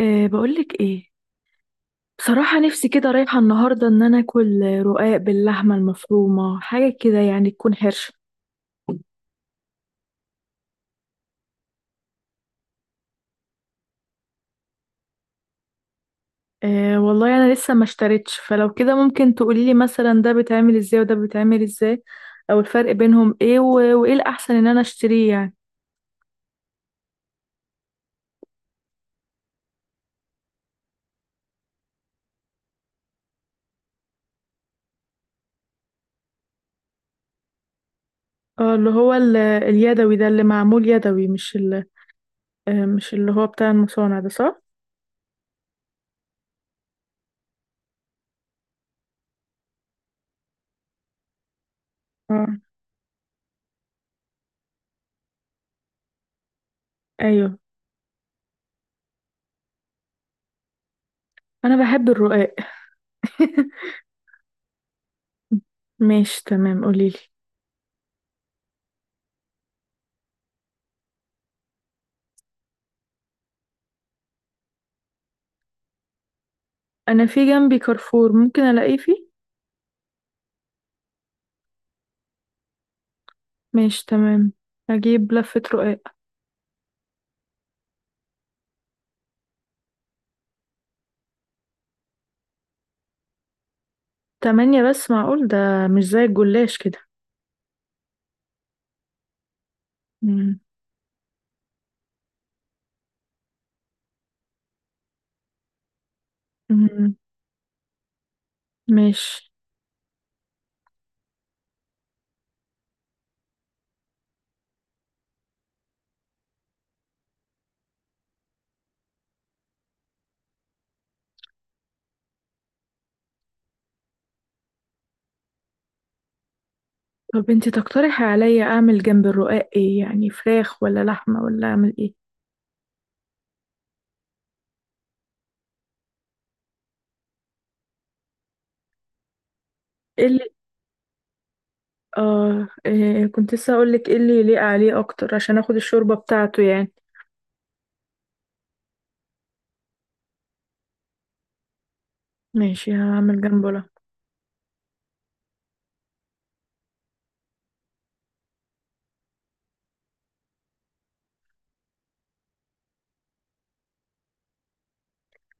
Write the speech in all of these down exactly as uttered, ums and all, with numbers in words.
أه بقولك ايه؟ بصراحة نفسي كده رايحة النهاردة ان انا اكل رقاق باللحمة المفرومة، حاجة كده يعني تكون حرشة. أه والله انا لسه ما اشتريتش، فلو كده ممكن تقوليلي مثلا ده بيتعمل ازاي وده بيتعمل ازاي، او الفرق بينهم ايه و... وايه الاحسن ان انا اشتريه يعني؟ اه، اللي هو ال... اليدوي ده اللي معمول يدوي، مش ال... آه، مش اللي هو بتاع المصانع ده صح؟ اه ايوه، انا بحب الرقاق. ماشي تمام قوليلي. انا في جنبي كارفور، ممكن الاقيه فيه؟ ماشي تمام، هجيب لفة رقاق. تمانية بس، معقول ده؟ مش زي الجلاش كده؟ مم. مم. ماشي. طب انتي تقترحي عليا اعمل جنب الرقاق ايه؟ يعني فراخ ولا لحمة ولا اعمل ايه؟ ايه اللي اه إيه كنت لسه هقولك ايه اللي يليق عليه اكتر، عشان اخد الشوربة بتاعته يعني. ماشي، هعمل جنبه لحمة.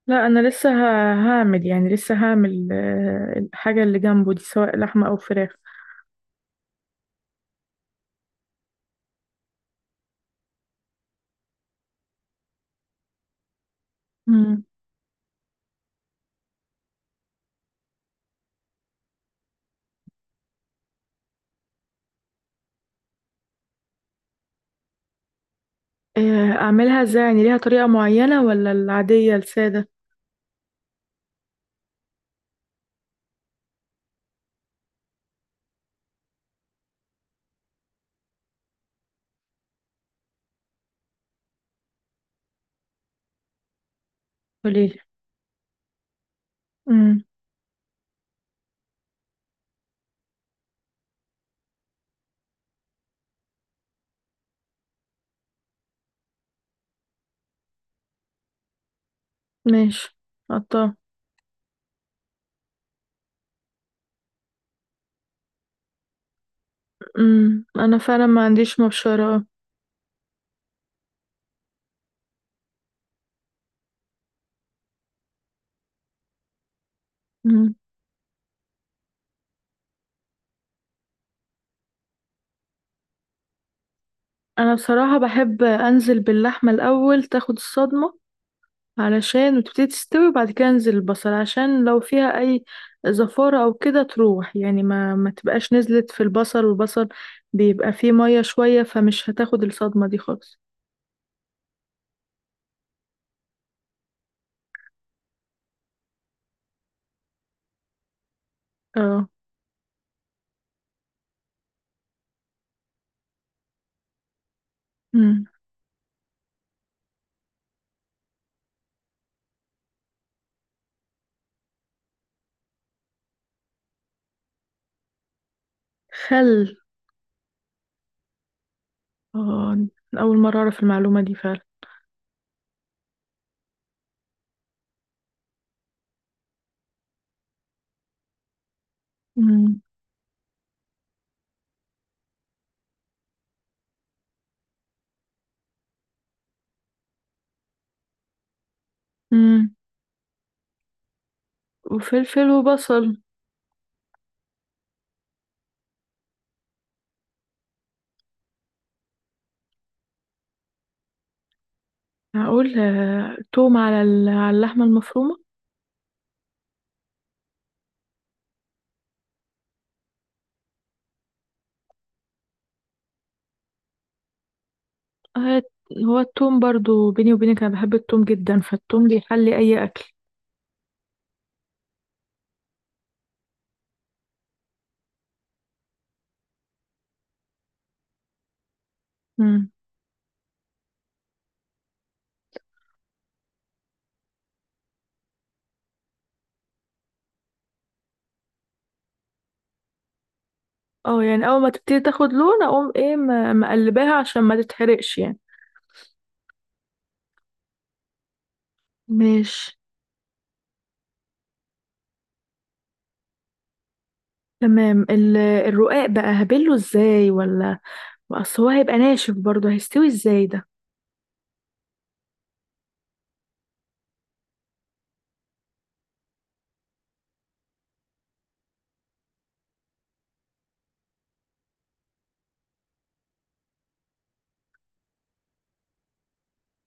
لا، انا لسه ه- هعمل يعني لسه هعمل آه، الحاجة اللي جنبه دي سواء لحمة او فراخ. مم. آه، اعملها ازاي؟ يعني ليها طريقة معينة ولا العادية السادة؟ قوليلي. امم. ماشي. قطع. امم انا فعلا ما عنديش مبشرة اه. امم انا بصراحة بحب انزل باللحمة الاول تاخد الصدمة، علشان وتبتدي تستوي، وبعد كده انزل البصل عشان لو فيها اي زفارة او كده تروح، يعني ما ما تبقاش نزلت في البصل، والبصل بيبقى فيه مية شوية، فمش هتاخد الصدمة دي خالص. اه. امم. خل. اه. اول مرة اعرف المعلومة دي فعلا. امم. امم. وفلفل وبصل. هقول آه، توم على ال- على اللحمة المفرومة. آه، هو التوم برضو، بيني وبينك انا بحب التوم جدا، فالتوم بيحلي اي اكل. مم. اه يعني اول ما تبتدي تاخد لون، اقوم ايه؟ م- مقلباها عشان ما تتحرقش يعني. ماشي تمام. ال- الرقاق بقى هبله ازاي، ولا اصل هو هيبقى ناشف برضو، هيستوي ازاي ده؟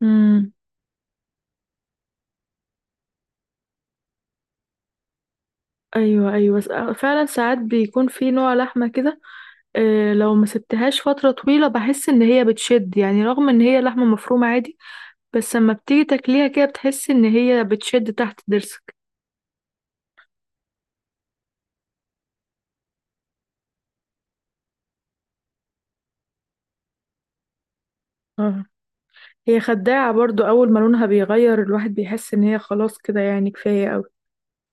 امم. ايوه ايوه، س- فعلا ساعات بيكون في نوع لحمه كده. آه، لو ما سبتهاش فتره طويله بحس ان هي بتشد، يعني رغم ان هي لحمه مفرومه عادي، بس اما بتيجي تاكليها كده بتحس ان هي بتشد تحت ضرسك. اه. هي خداعة برضو، اول ما لونها بيغير الواحد بيحس ان هي خلاص كده، يعني كفاية قوي.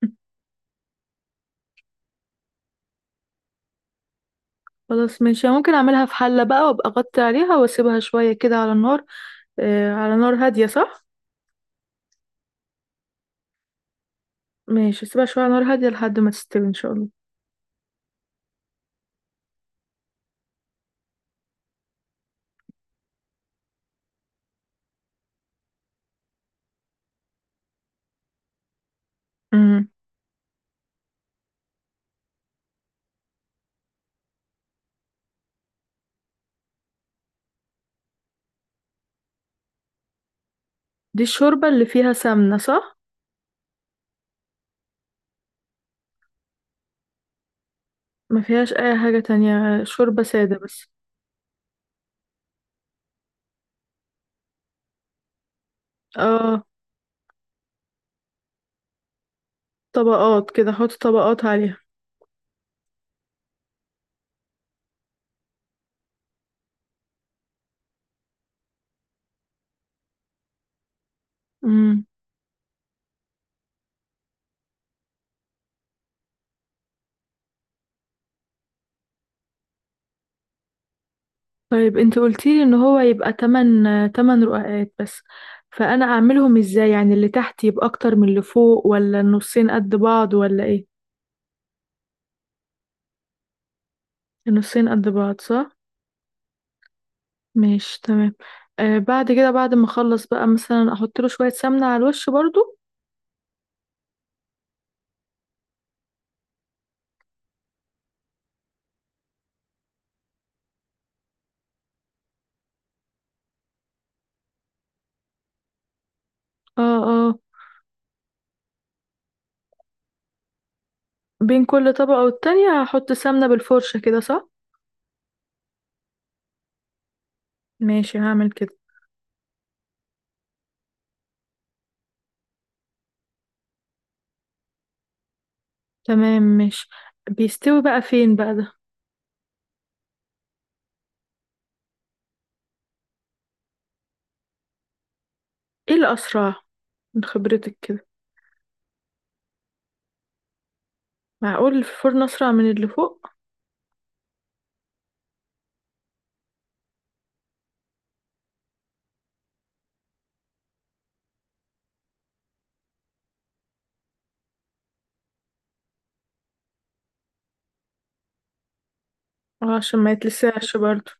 خلاص ماشي، أنا ممكن اعملها في حلة بقى، وابقى اغطي عليها واسيبها شوية كده على النار. آه، على نار هادية صح؟ ماشي، اسيبها شوية على نار هادية لحد ما تستوي ان شاء الله. امم دي الشوربة اللي فيها سمنة صح؟ ما فيهاش اي حاجة تانية، شوربة سادة بس. اه، طبقات كده، احط طبقات عليها. مم. طيب انت قلتيلي ان هو يبقى تمن تمن رقعات بس، فانا اعملهم ازاي يعني؟ اللي تحت يبقى اكتر من اللي فوق، ولا النصين قد بعض، ولا ايه؟ النصين قد بعض صح. ماشي تمام. آه بعد كده، بعد ما اخلص بقى مثلا احط له شوية سمنة على الوش برضو. اه. اه. بين كل طبقة والتانية هحط سمنة بالفرشة كده صح؟ ماشي هعمل كده. تمام ماشي. بيستوي بقى فين بقى ده؟ ايه الاسرع من خبرتك كده؟ معقول الفرن اسرع من اللي فوق؟ اه، عشان ما يتلسعش برضو.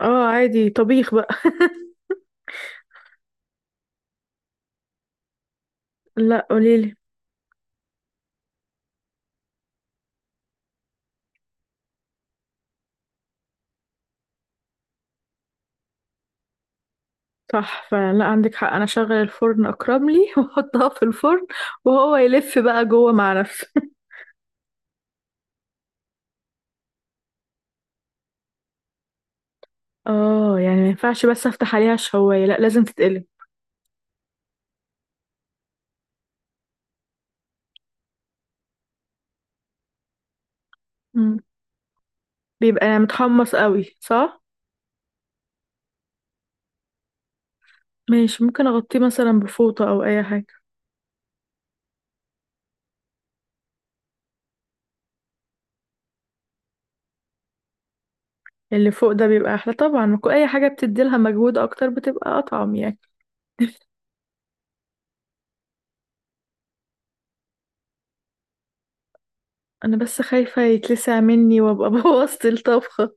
اه، عادي طبيخ بقى. لا قوليلي. صح فلا، عندك حق، انا اشغل الفرن اكرم لي واحطها في الفرن، وهو يلف بقى جوه مع نفسه. اه يعني ما ينفعش بس افتح عليها الشوايه، لا لازم تتقلي؟ مم. بيبقى يعني متحمص قوي صح؟ ماشي، ممكن اغطيه مثلا بفوطه او اي حاجه؟ اللي فوق ده بيبقى احلى طبعا، وكو- اي حاجه بتدي لها مجهود اكتر بتبقى اطعم يعني. انا بس خايفه يتلسع مني وابقى بوظت الطبخه.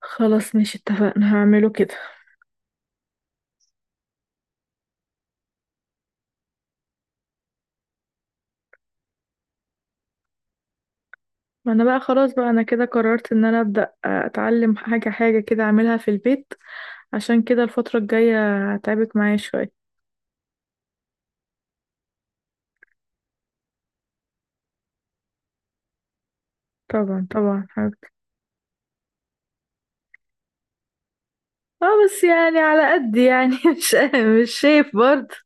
خلاص ماشي اتفقنا، هعمله كده. ما انا بقى خلاص بقى، انا كده قررت ان انا ابدا اتعلم حاجه حاجه كده اعملها في البيت، عشان كده الفتره الجايه هتعبك معايا شويه. طبعا طبعا حبيبتي. اه بس يعني على قد يعني، مش مش شايف برضه.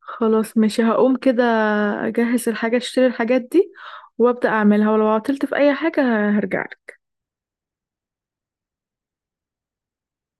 خلاص ماشي، هقوم كده اجهز الحاجه، اشتري الحاجات دي وابدا اعملها، ولو عطلت في اي حاجه هرجع.